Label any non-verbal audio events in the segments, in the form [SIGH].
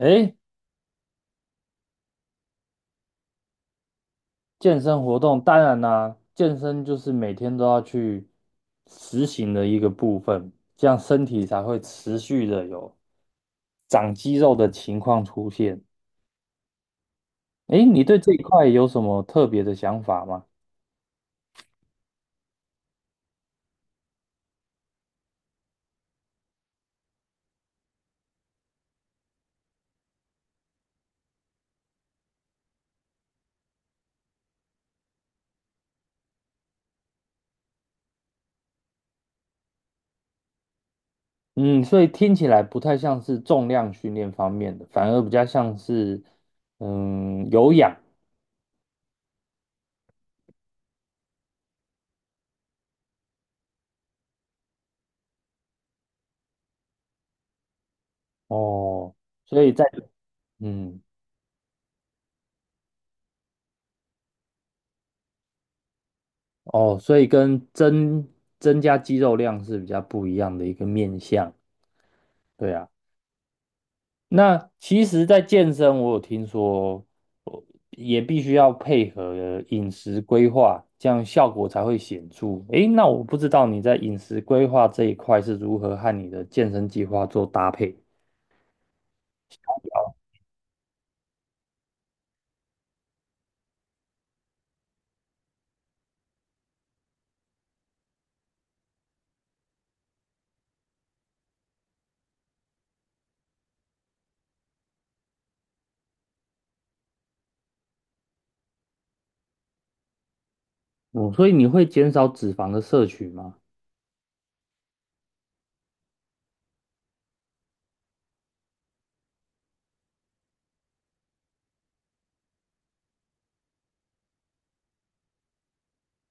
诶，健身活动当然啦、健身就是每天都要去实行的一个部分，这样身体才会持续的有长肌肉的情况出现。诶，你对这一块有什么特别的想法吗？嗯，所以听起来不太像是重量训练方面的，反而比较像是有氧。哦，所以在嗯哦，所以跟增加肌肉量是比较不一样的一个面向。对啊。那其实，在健身，我有听说，呃也必须要配合饮食规划，这样效果才会显著。诶，那我不知道你在饮食规划这一块是如何和你的健身计划做搭配。哦，嗯，所以你会减少脂肪的摄取吗？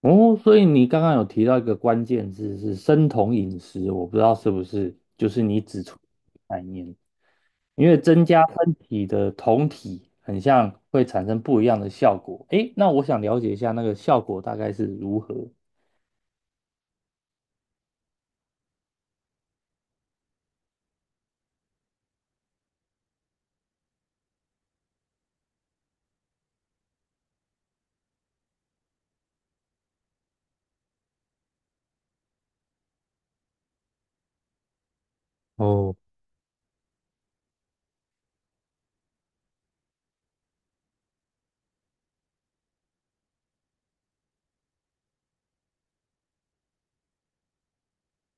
哦，所以你刚刚有提到一个关键字是生酮饮食，我不知道是不是就是你指出的概念。因为增加身体的酮体，很像会产生不一样的效果。诶，那我想了解一下那个效果大概是如何。哦，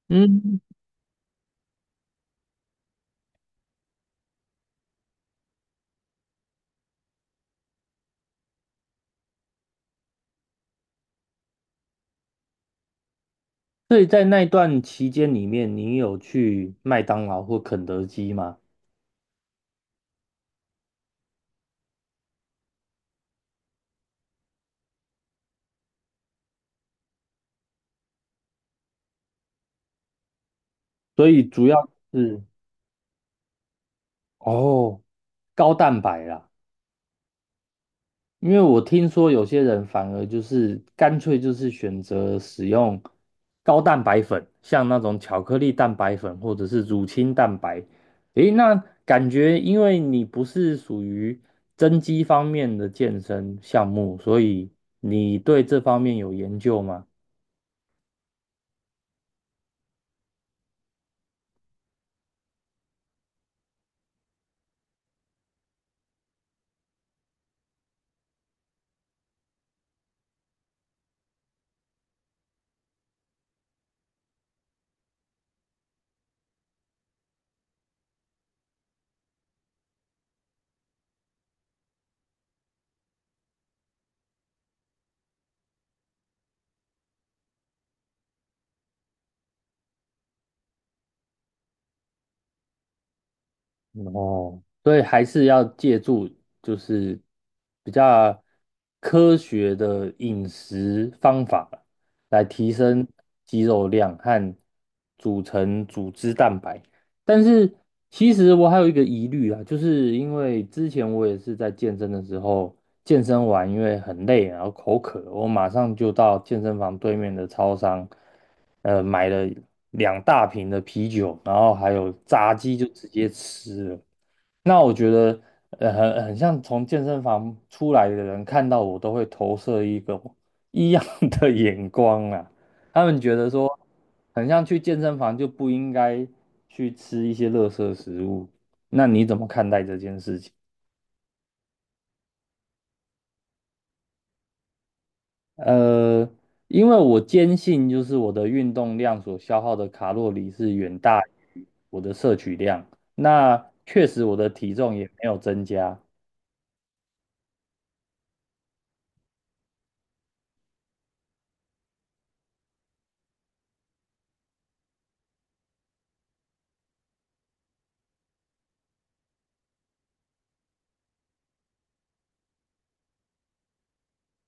嗯，所以在那段期间里面，你有去麦当劳或肯德基吗？所以主要是。哦，高蛋白啦。因为我听说有些人反而就是干脆就是选择使用高蛋白粉，像那种巧克力蛋白粉或者是乳清蛋白。诶，那感觉因为你不是属于增肌方面的健身项目，所以你对这方面有研究吗？哦，所以还是要借助就是比较科学的饮食方法来提升肌肉量和组成组织蛋白。但是其实我还有一个疑虑啊，就是因为之前我也是在健身的时候，健身完因为很累，然后口渴，我马上就到健身房对面的超商，买了两大瓶的啤酒，然后还有炸鸡就直接吃了。那我觉得，很像从健身房出来的人看到我，都会投射一个异样 [LAUGHS] 的眼光啊。他们觉得说，很像去健身房就不应该去吃一些垃圾食物。那你怎么看待这件事情？呃，因为我坚信，就是我的运动量所消耗的卡路里是远大于我的摄取量。那确实，我的体重也没有增加。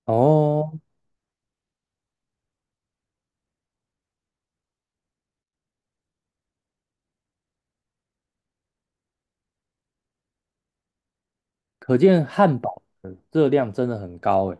哦，可见汉堡的热量真的很高哎。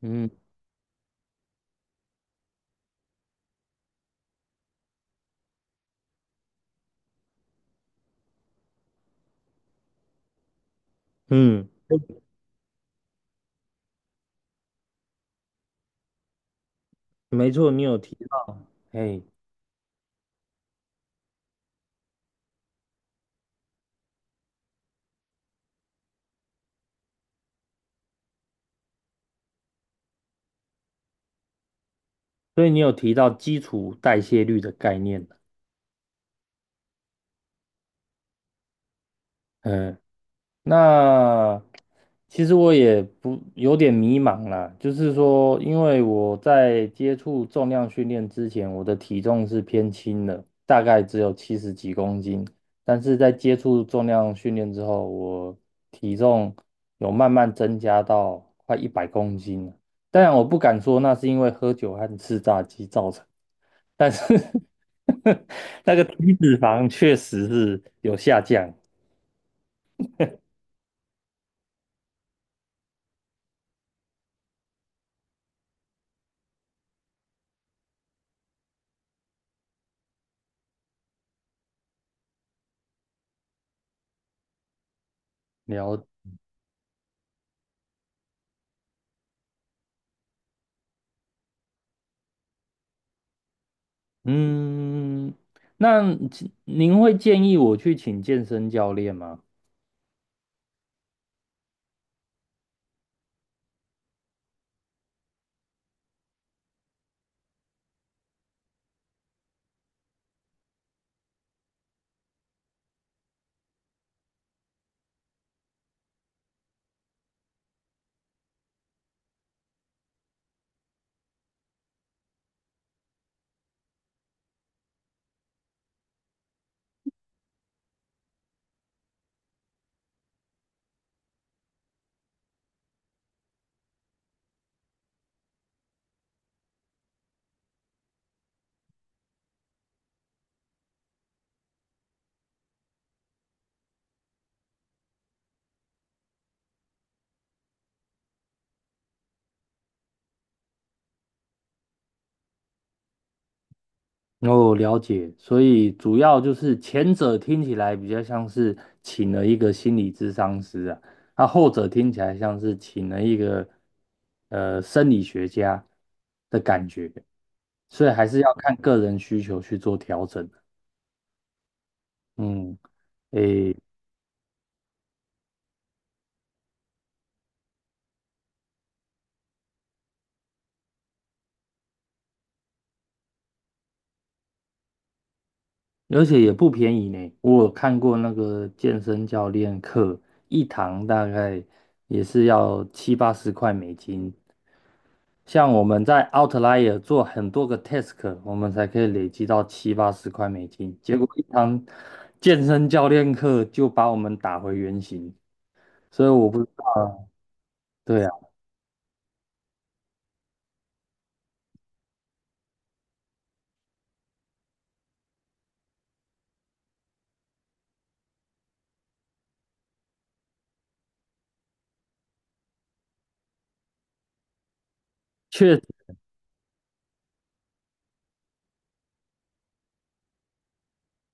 嗯，嗯，没错，你有提到，哎，所以你有提到基础代谢率的概念。嗯，那其实我也不有点迷茫啦，就是说，因为我在接触重量训练之前，我的体重是偏轻的，大概只有七十几公斤，但是在接触重量训练之后，我体重有慢慢增加到快100公斤了。当然，我不敢说那是因为喝酒和吃炸鸡造成，但是 [LAUGHS] 那个体脂肪确实是有下降。了嗯，那请您会建议我去请健身教练吗？哦，了解，所以主要就是前者听起来比较像是请了一个心理咨商师啊，那后者听起来像是请了一个生理学家的感觉，所以还是要看个人需求去做调整。嗯。而且也不便宜呢。我有看过那个健身教练课，一堂大概也是要七八十块美金。像我们在 Outlier 做很多个 task，我们才可以累积到七八十块美金。结果一堂健身教练课就把我们打回原形，所以我不知道啊。对啊，确。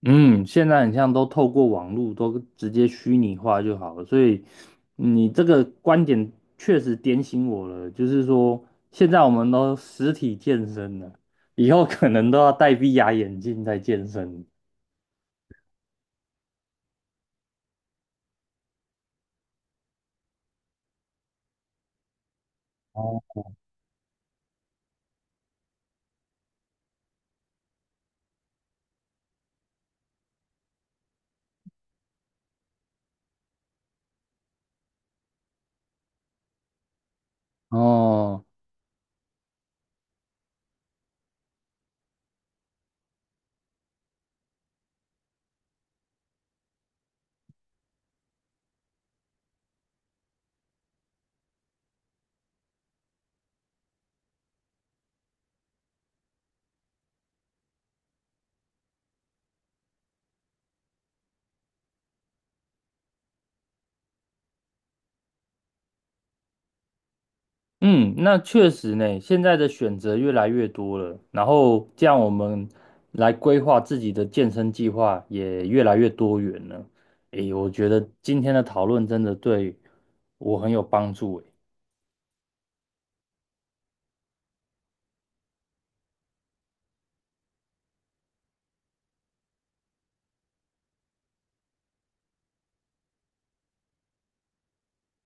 嗯，现在很像都透过网络都直接虚拟化就好了，所以你这个观点确实点醒我了，就是说现在我们都实体健身了，以后可能都要戴 VR 眼镜在健身。哦，哦，嗯，那确实呢，现在的选择越来越多了，然后这样我们来规划自己的健身计划也越来越多元了。诶，我觉得今天的讨论真的对我很有帮助。